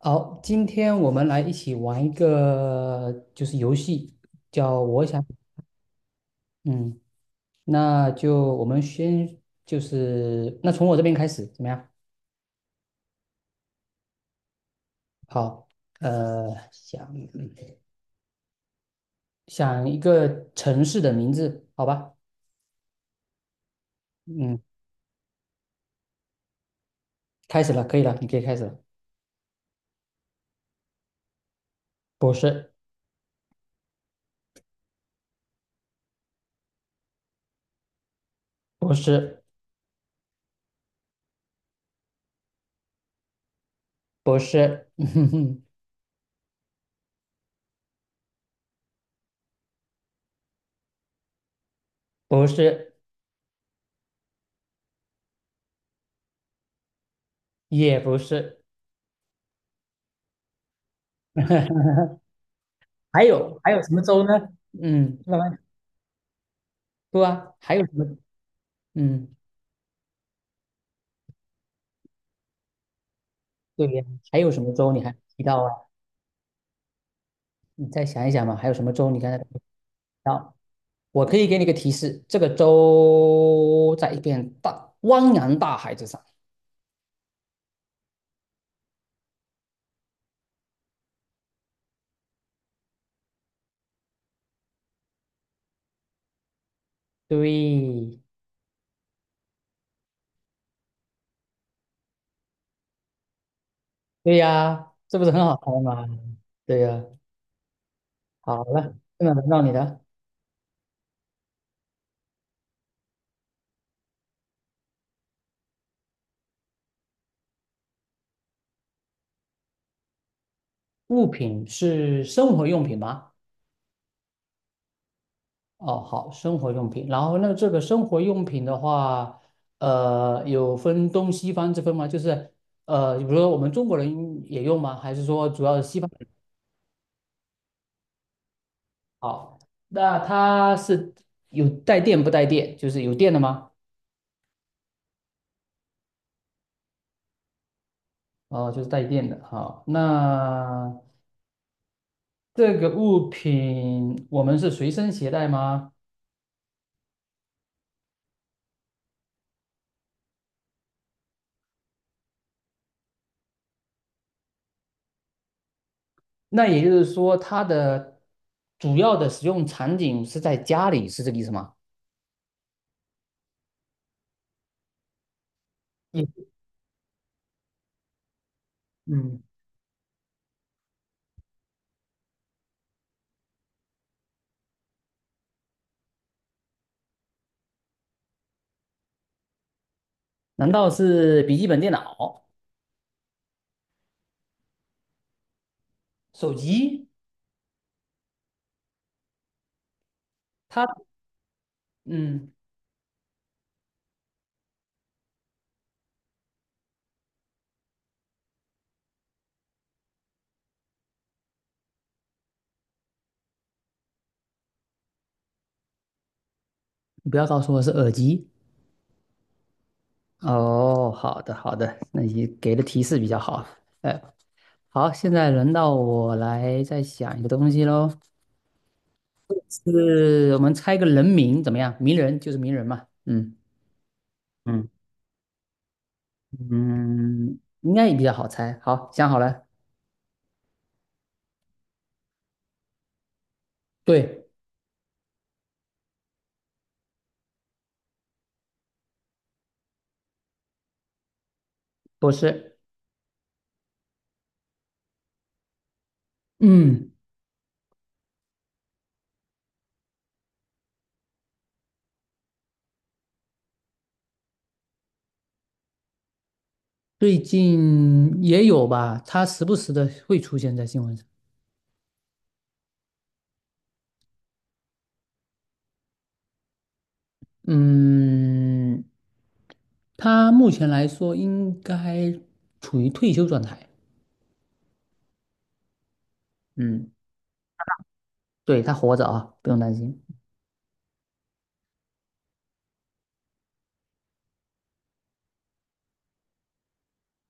好，今天我们来一起玩一个游戏，叫我想。嗯，那我们先就是那从我这边开始怎么样？好，想想一个城市的名字，好吧？嗯，开始了，可以了，你可以开始了。不是。不是。不是。不是。也不是。还有什么州呢？嗯，慢慢不啊，还有什么？嗯。对呀，还有什么州你还没提到啊？你再想一想嘛，还有什么州你刚才没提到？我可以给你个提示，这个州在一片大汪洋大海之上。对。对呀，这不是很好猜吗？对呀。好了，现在轮到你的物品。是生活用品吗？哦，好，生活用品。然后那这个生活用品的话，有分东西方之分吗？比如说我们中国人也用吗？还是说主要是西方？好，那它是有带电不带电？就是有电的吗？哦，就是带电的。好，那这个物品我们是随身携带吗？那也就是说，它的主要的使用场景是在家里，是这个意思吗？嗯。嗯，难道是笔记本电脑、手机？它，嗯，你不要告诉我是耳机。哦，好的，好的，那你给的提示比较好。哎。好，现在轮到我来再想一个东西喽，是我们猜个人名怎么样？名人就是名人嘛。嗯嗯。嗯，应该也比较好猜。好，想好了。对。不是。嗯，最近也有吧，他时不时的会出现在新闻上。嗯，他目前来说应该处于退休状态。嗯。对，他活着啊，不用担心。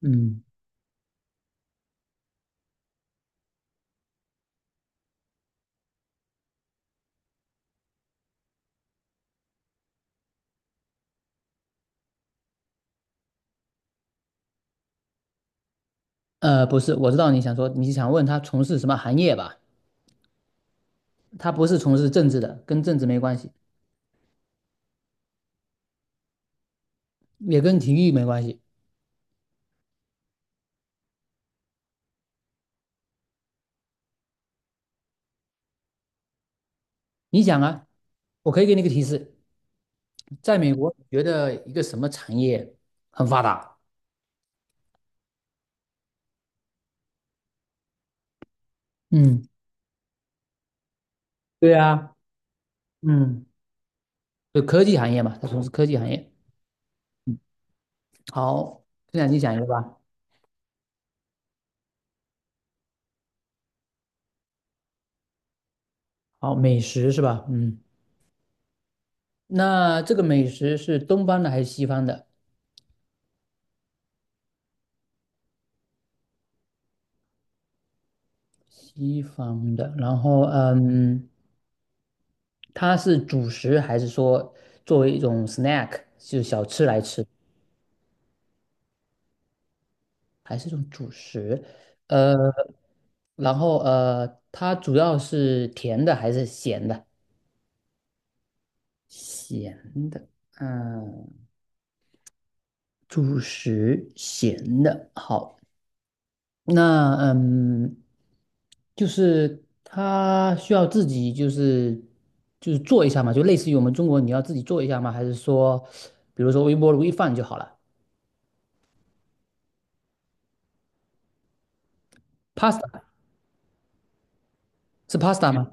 嗯，不是。我知道你想说，你想问他从事什么行业吧？他不是从事政治的，跟政治没关系，也跟体育没关系。你想啊，我可以给你一个提示，在美国，你觉得一个什么产业很发达？嗯。对啊。嗯，就科技行业嘛，他从事科技行业。嗯，好，这两你讲一个吧。好，美食是吧？嗯，那这个美食是东方的还是西方的？西方的。然后，嗯，它是主食还是说作为一种 snack，就是小吃来吃？还是种主食。呃，然后它主要是甜的还是咸的？咸的。嗯，主食咸的，好。那嗯，就是它需要自己做一下嘛，就类似于我们中国你要自己做一下吗？还是说，比如说微波炉一放就好了？Pasta， 是 pasta 吗？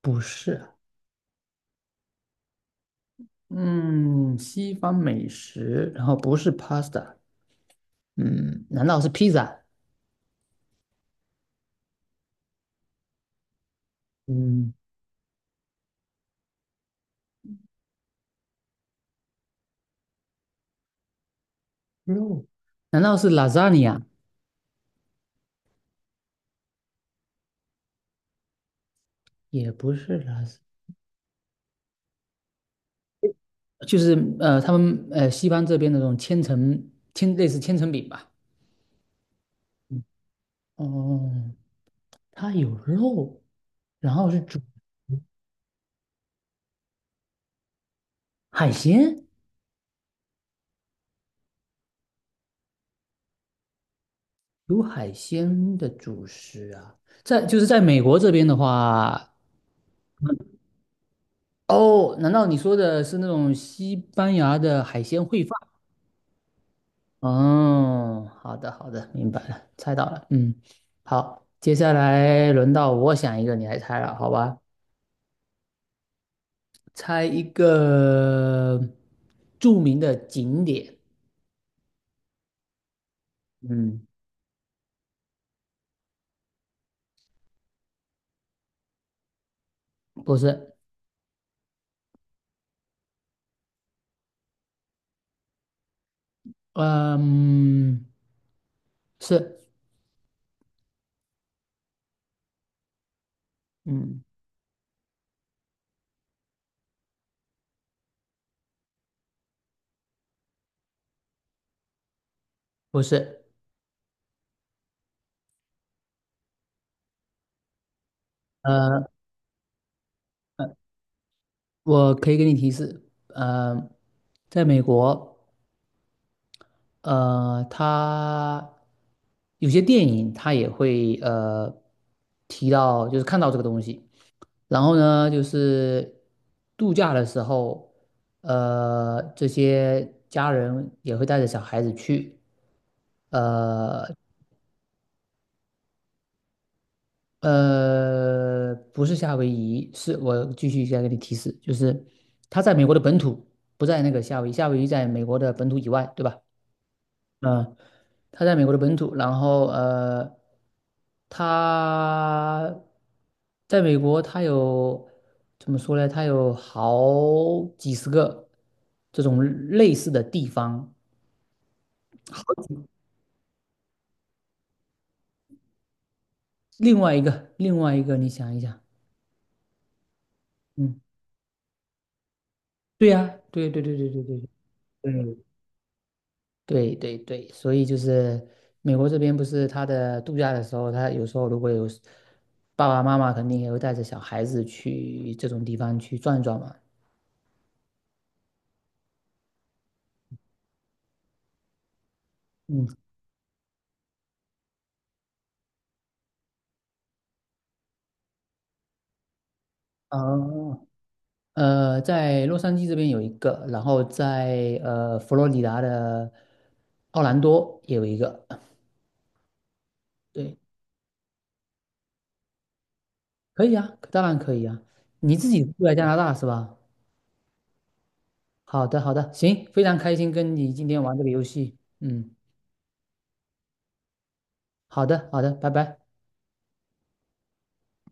不是。嗯，西方美食，然后不是 pasta。嗯，难道是披萨？嗯肉，难道是 lasagna？也不是 las，就是他们西方这边的那种千层千类似千层饼吧。嗯哦，它有肉，然后是海鲜，有海鲜的主食啊。就是在美国这边的话。哦，难道你说的是那种西班牙的海鲜烩饭？哦，好的，好的，明白了，猜到了。嗯，好，接下来轮到我想一个，你来猜了，好吧？猜一个著名的景点。嗯。不是。嗯，是。嗯，不是。呃，我可以给你提示。呃，在美国，它有些电影它也会提到，就是看到这个东西。然后呢，就是度假的时候，这些家人也会带着小孩子去。呃不是夏威夷，是我继续再给你提示，就是它在美国的本土，不在那个夏威夷，夏威夷在美国的本土以外，对吧？嗯，他在美国的本土，然后他在美国，他有怎么说呢？他有好几十个这种类似的地方。另外一个，另外一个，你想一想。嗯。对呀，对对对对对对对对对对，所以就是美国这边不是他的度假的时候，他有时候如果有爸爸妈妈肯定也会带着小孩子去这种地方去转转嘛。嗯。哦，在洛杉矶这边有一个，然后在佛罗里达的奥兰多也有一个。对，可以啊，当然可以啊。你自己住在加拿大是吧？好的，好的，行，非常开心跟你今天玩这个游戏。嗯，好的，好的，拜拜。